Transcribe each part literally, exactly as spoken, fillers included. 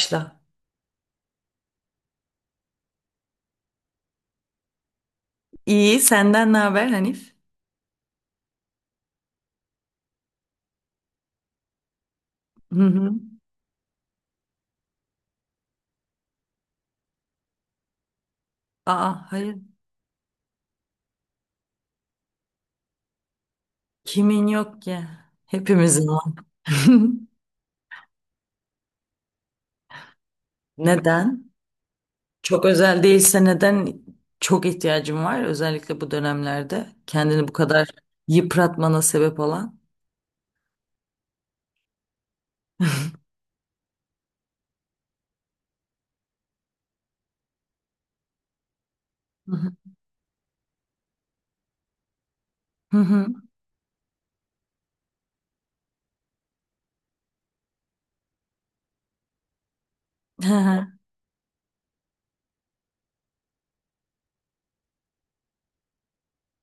Başla. İyi, senden ne haber Hanif? Hı hı. Aa, hayır. Kimin yok ki? Hepimizin var. Neden? Çok özel değilse neden çok ihtiyacım var? Özellikle bu dönemlerde kendini bu kadar yıpratmana sebep olan. Hı hı. Hı hı. Hı hı.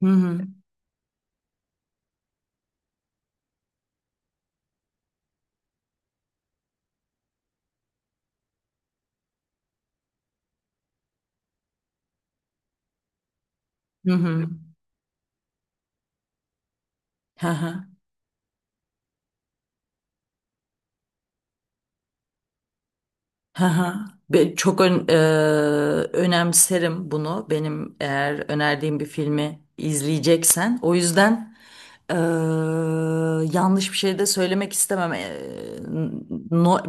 Hı hı. Hı hı. Hı hı. Hı çok ön- e, Önemserim bunu. Benim eğer önerdiğim bir filmi izleyeceksen. O yüzden Eee, yanlış bir şey de söylemek istemem. Eee, no-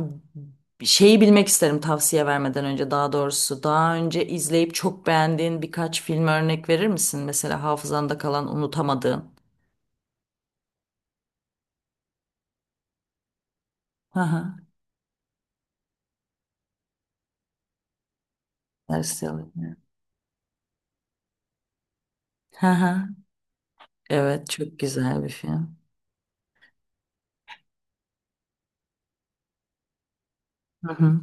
Şeyi bilmek isterim tavsiye vermeden önce daha doğrusu. Daha önce izleyip çok beğendiğin birkaç film örnek verir misin? Mesela hafızanda kalan unutamadığın. Hı hı. Interstellar. Hı hı. Evet, çok güzel bir film. Hı hı.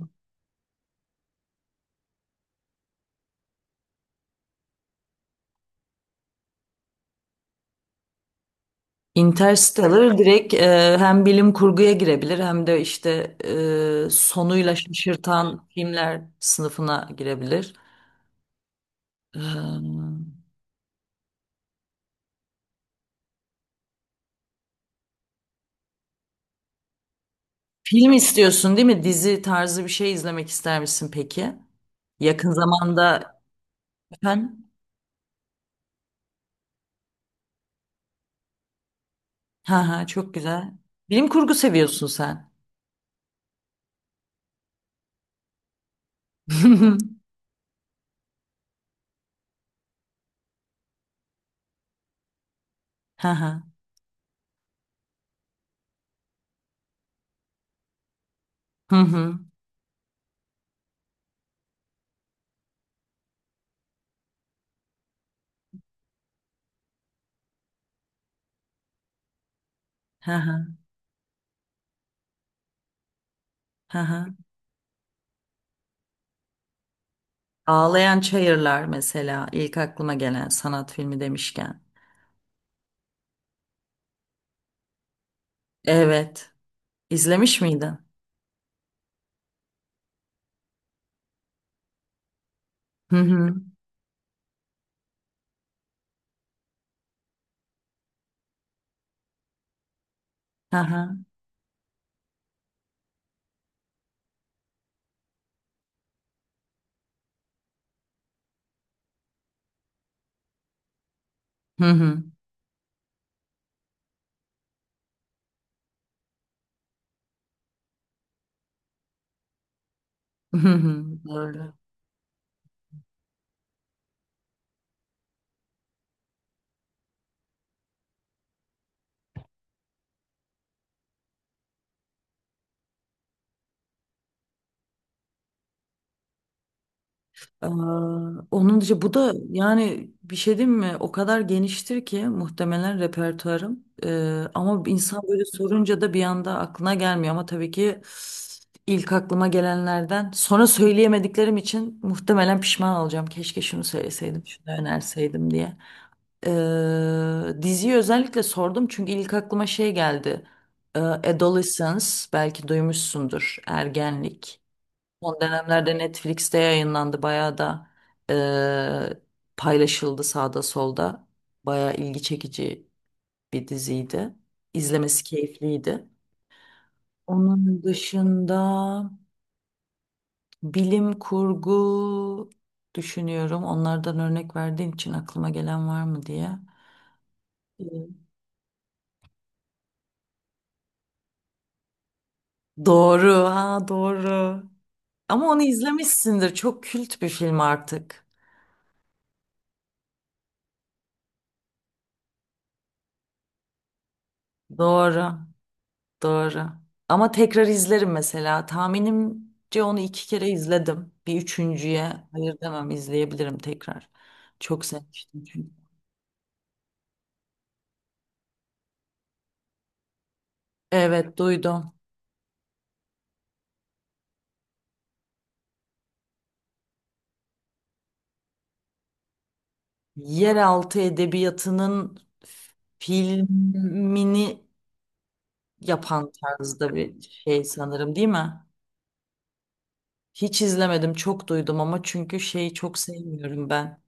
Interstellar direkt eee, hem bilim kurguya girebilir, hem de işte eee, sonuyla şaşırtan filmler sınıfına girebilir. Ee, Film istiyorsun, değil mi? Dizi tarzı bir şey izlemek ister misin peki? Yakın zamanda efendim? Ha ha, çok güzel. Bilim kurgu seviyorsun sen. Ha ha. Hı hı. Ha ha. Ha ha. Ağlayan Çayırlar mesela, ilk aklıma gelen sanat filmi demişken. Evet. İzlemiş miydin? Hı hı. Ha ha. Hı hı. Hı hı. Doğru. Aa, onun dışı bu da, yani bir şey diyeyim mi? O kadar geniştir ki muhtemelen repertuarım. Ee, ama insan böyle sorunca da bir anda aklına gelmiyor. Ama tabii ki ilk aklıma gelenlerden sonra söyleyemediklerim için muhtemelen pişman olacağım. Keşke şunu söyleseydim, şunu önerseydim diye. Ee, diziyi özellikle sordum çünkü ilk aklıma şey geldi. Ee, Adolescence belki duymuşsundur. Ergenlik. Son dönemlerde Netflix'te yayınlandı. Bayağı da eee, paylaşıldı sağda solda. Bayağı ilgi çekici bir diziydi. İzlemesi keyifliydi. Onun dışında bilim kurgu düşünüyorum. Onlardan örnek verdiğin için aklıma gelen var mı diye. Evet. Doğru, ha doğru. Ama onu izlemişsindir. Çok kült bir film artık. Doğru. Doğru. Ama tekrar izlerim mesela. Tahminimce onu iki kere izledim. Bir üçüncüye hayır demem, izleyebilirim tekrar. Çok sevmiştim çünkü. Evet, duydum. Yeraltı edebiyatının filmini yapan tarzda bir şey sanırım, değil mi? Hiç izlemedim, çok duydum ama, çünkü şeyi çok sevmiyorum ben.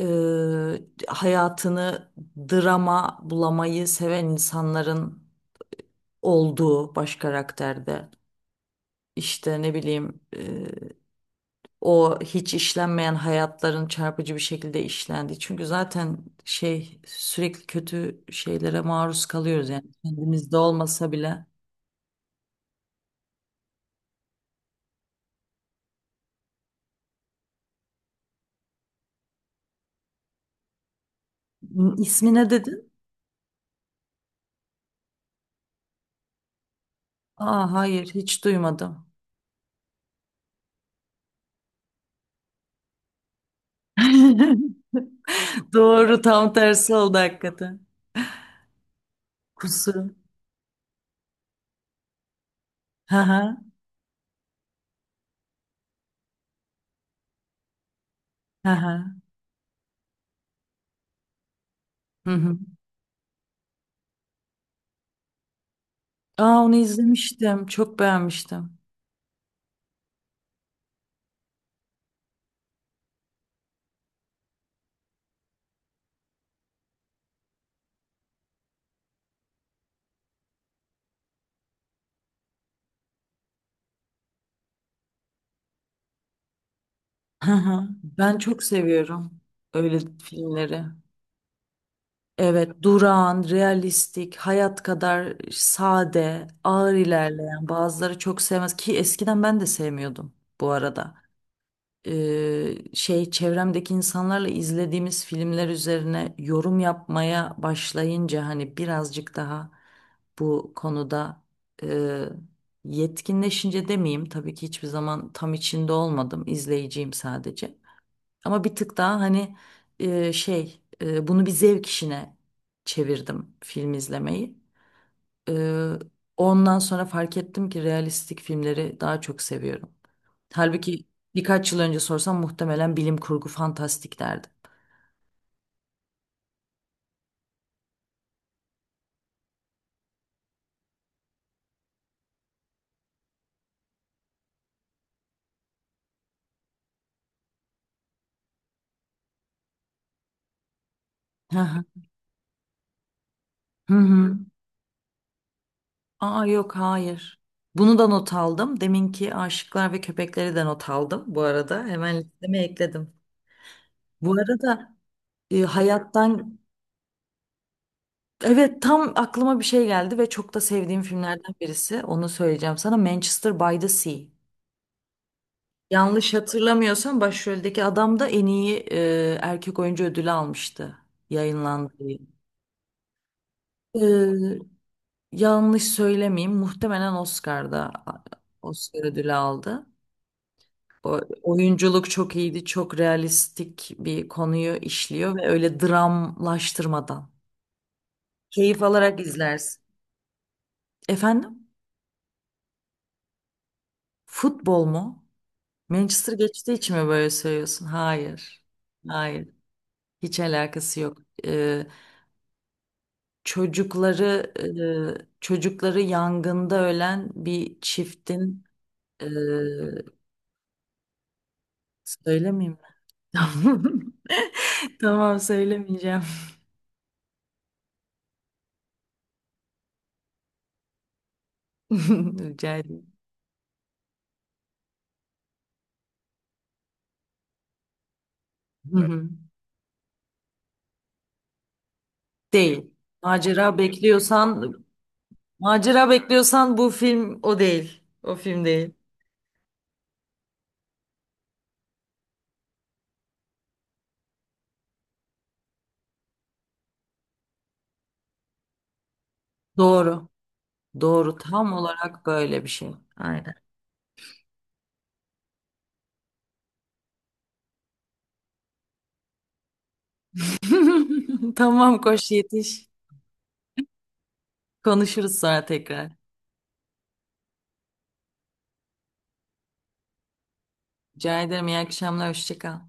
Ee, hayatını drama bulamayı seven insanların olduğu baş karakterde. İşte ne bileyim e, o hiç işlenmeyen hayatların çarpıcı bir şekilde işlendiği. Çünkü zaten şey, sürekli kötü şeylere maruz kalıyoruz yani, kendimizde olmasa bile. İsmi ne dedin? Aa, hayır hiç duymadım. Doğru, tam tersi oldu hakikaten. Kusur. Hı hı. Hı hı. Hı hı. Aa, onu izlemiştim. Çok beğenmiştim. Hı hı. Ben çok seviyorum öyle filmleri. Evet, durağan, realistik, hayat kadar sade, ağır ilerleyen, bazıları çok sevmez ki, eskiden ben de sevmiyordum bu arada. Ee, şey, çevremdeki insanlarla izlediğimiz filmler üzerine yorum yapmaya başlayınca, hani birazcık daha bu konuda e, yetkinleşince demeyeyim, tabii ki hiçbir zaman tam içinde olmadım, izleyiciyim sadece. Ama bir tık daha hani e, şey e, bunu bir zevk işine çevirdim, film izlemeyi. E, Ondan sonra fark ettim ki realistik filmleri daha çok seviyorum. Halbuki birkaç yıl önce sorsam muhtemelen bilim kurgu fantastik derdim. Hı hı. Hı hı. Aa, yok hayır. Bunu da not aldım. Deminki aşıklar ve köpekleri de not aldım bu arada. Hemen listeme ekledim. Bu arada e, hayattan evet, tam aklıma bir şey geldi ve çok da sevdiğim filmlerden birisi. Onu söyleyeceğim sana. Manchester by the Sea. Yanlış hatırlamıyorsam başroldeki adam da en iyi e, erkek oyuncu ödülü almıştı. Yayınlandığı Ee, yanlış söylemeyeyim. Muhtemelen Oscar'da Oscar ödülü aldı. O, oyunculuk çok iyiydi. Çok realistik bir konuyu işliyor ve öyle dramlaştırmadan. Keyif alarak izlersin. Efendim? Futbol mu? Manchester geçtiği için mi böyle söylüyorsun? Hayır. Hayır. Hiç alakası yok. Ee, çocukları e, Çocukları yangında ölen bir çiftin e, söylemeyeyim mi? Tamam, söylemeyeceğim. Rica ederim. Değil. Macera bekliyorsan, Macera bekliyorsan bu film o değil. O film değil. Doğru. Doğru. Tam olarak böyle bir şey. Aynen. Tamam, koş yetiş. Konuşuruz sonra tekrar. Rica ederim. İyi akşamlar. Hoşça kal.